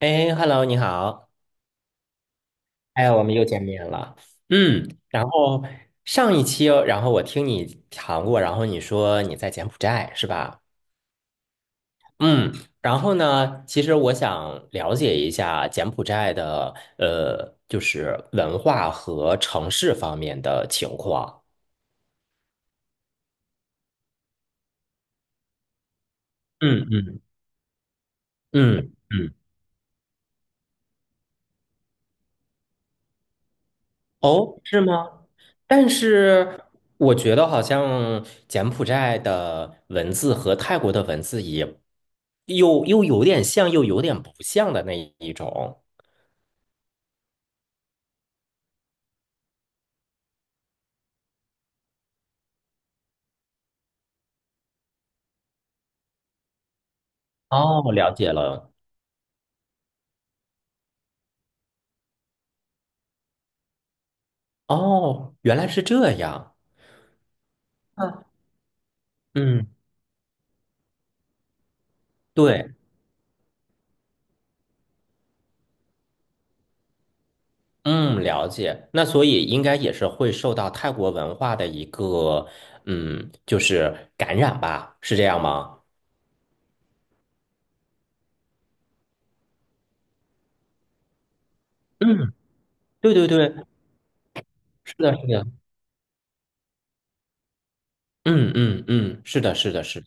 哎，Hello，你好，哎，我们又见面了。然后上一期哦然后我听你谈过，然后你说你在柬埔寨是吧？嗯，然后呢，其实我想了解一下柬埔寨的就是文化和城市方面的情况。嗯嗯嗯嗯哦，是吗？但是我觉得好像柬埔寨的文字和泰国的文字也又有点像，又有点不像的那一种。哦，了解了。哦，原来是这样。嗯，嗯，对，嗯，了解。那所以应该也是会受到泰国文化的一个，嗯，就是感染吧，是这样吗？嗯，对对对，是的，是的，嗯嗯嗯，是的，是的，是的。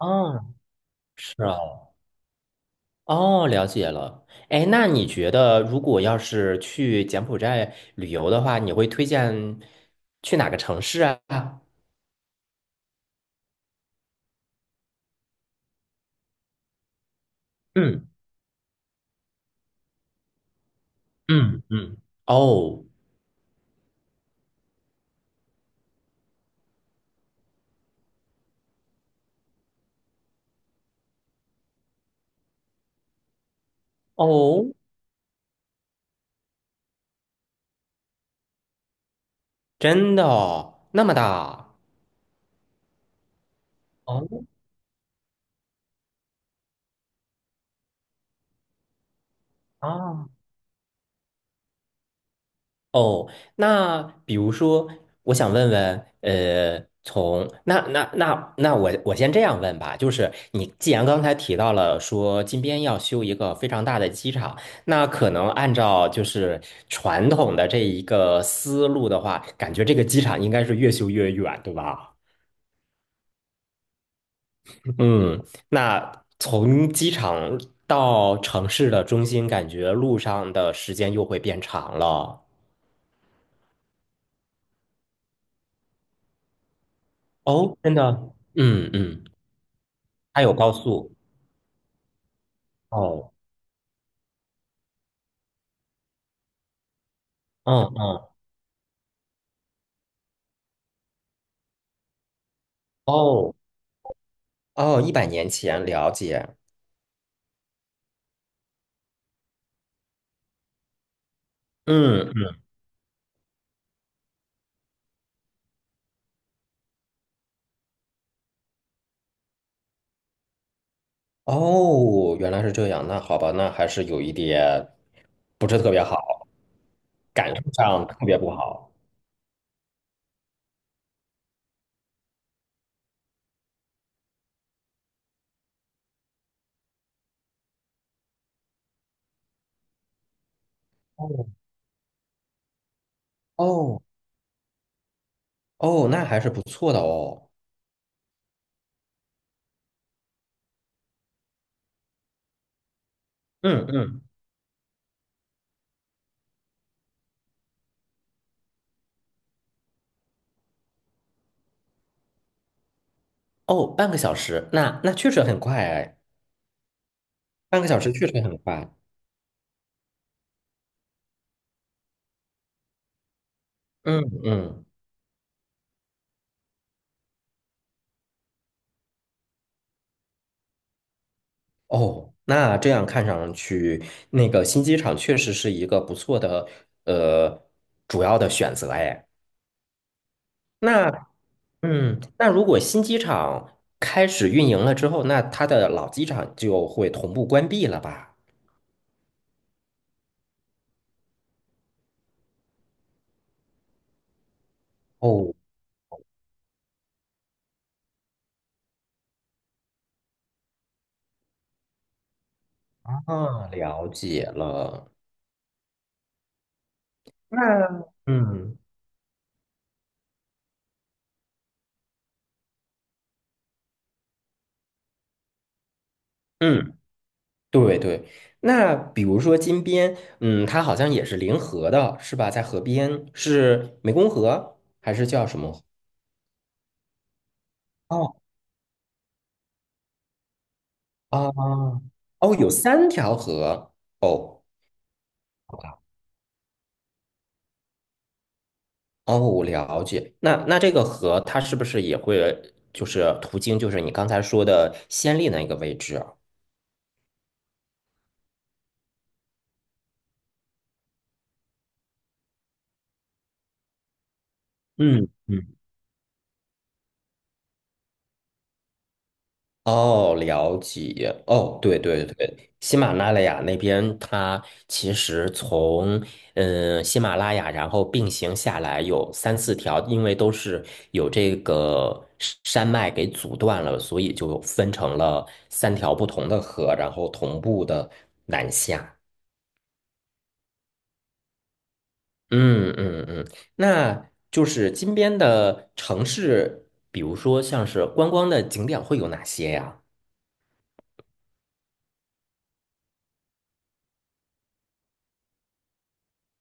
哦。是啊，哦，了解了。哎，那你觉得如果要是去柬埔寨旅游的话，你会推荐去哪个城市啊？嗯嗯嗯，哦哦，真的哦，那么大哦啊，哦，那比如说，我想问问，从那那那那我先这样问吧，就是你既然刚才提到了说金边要修一个非常大的机场，那可能按照就是传统的这一个思路的话，感觉这个机场应该是越修越远，对吧？嗯，那从机场到城市的中心，感觉路上的时间又会变长了。哦，真的，嗯嗯。它有高速。哦，嗯嗯，哦哦，一百年前了解。嗯嗯，哦，原来是这样。那好吧，那还是有一点不是特别好，感受上特别不好。哦哦哦，那还是不错的哦。嗯嗯，哦，半个小时，那那确实很快哎，半个小时确实很快。嗯嗯，哦，那这样看上去，那个新机场确实是一个不错的呃主要的选择哎。那嗯，那如果新机场开始运营了之后，那它的老机场就会同步关闭了吧？哦，啊，了解了。那嗯嗯，对对。那比如说金边，嗯，它好像也是临河的，是吧？在河边，是湄公河还是叫什么河？哦啊，哦，有三条河哦。哦，我了解。那那这个河它是不是也会就是途经就是你刚才说的先例那个位置啊嗯嗯，哦，了解。哦，对对对，喜马拉雅那边它其实从嗯喜马拉雅，然后并行下来有三四条，因为都是有这个山脉给阻断了，所以就分成了三条不同的河，然后同步的南下。嗯嗯嗯，那就是金边的城市，比如说像是观光的景点会有哪些呀？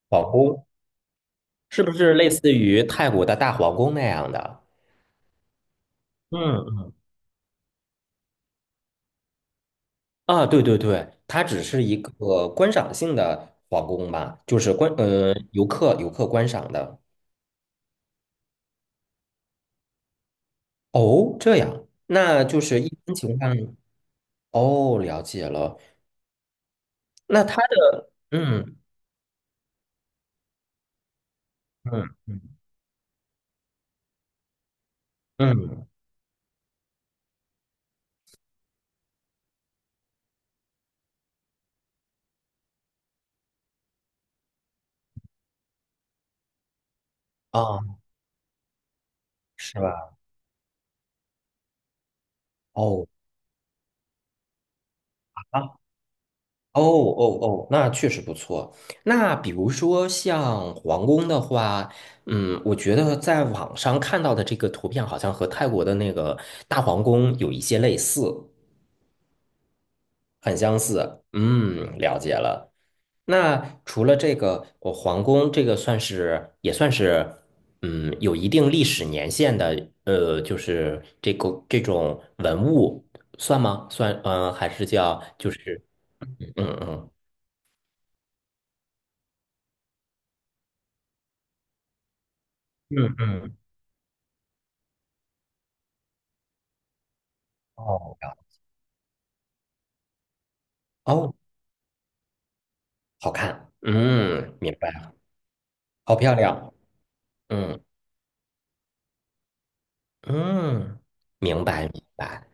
皇宫是不是类似于泰国的大皇宫那样的？嗯，啊，对对对，它只是一个观赏性的皇宫吧，就是观游客观赏的。哦，这样，那就是一般情况。哦，了解了。那它的嗯嗯嗯嗯啊，是吧？哦。哦哦哦，那确实不错。那比如说像皇宫的话，嗯，我觉得在网上看到的这个图片好像和泰国的那个大皇宫有一些类似，很相似。嗯，了解了。那除了这个，我皇宫这个算是也算是，嗯，有一定历史年限的，就是这个这种文物算吗？算，嗯、还是叫就是，嗯嗯嗯嗯，哦。哦，好看，嗯，明白，了，好漂亮，嗯嗯，明白明白，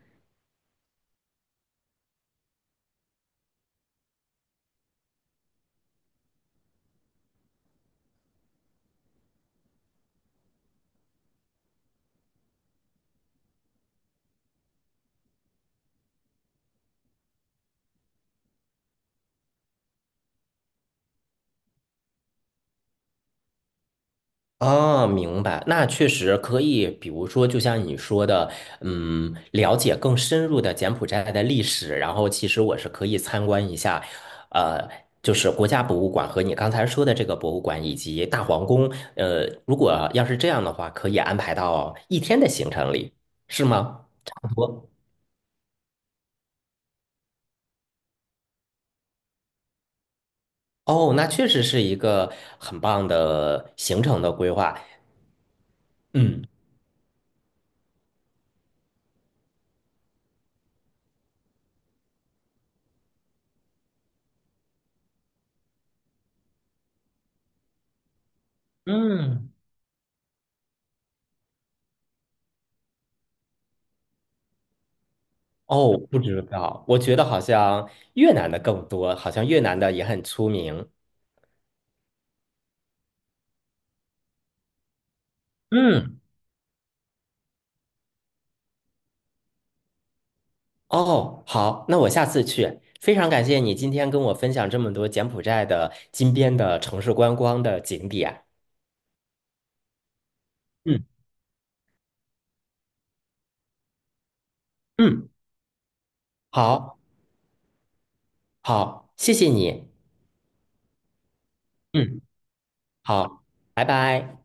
哦，明白，那确实可以，比如说，就像你说的，嗯，了解更深入的柬埔寨的历史，然后其实我是可以参观一下，呃，就是国家博物馆和你刚才说的这个博物馆以及大皇宫，如果要是这样的话，可以安排到一天的行程里，是吗？差不多。哦，那确实是一个很棒的行程的规划。嗯嗯，哦，不知道，我觉得好像越南的更多，好像越南的也很出名。嗯，哦，好，那我下次去。非常感谢你今天跟我分享这么多柬埔寨的金边的城市观光的景点。嗯嗯，好，好，谢谢你。嗯，好，拜拜。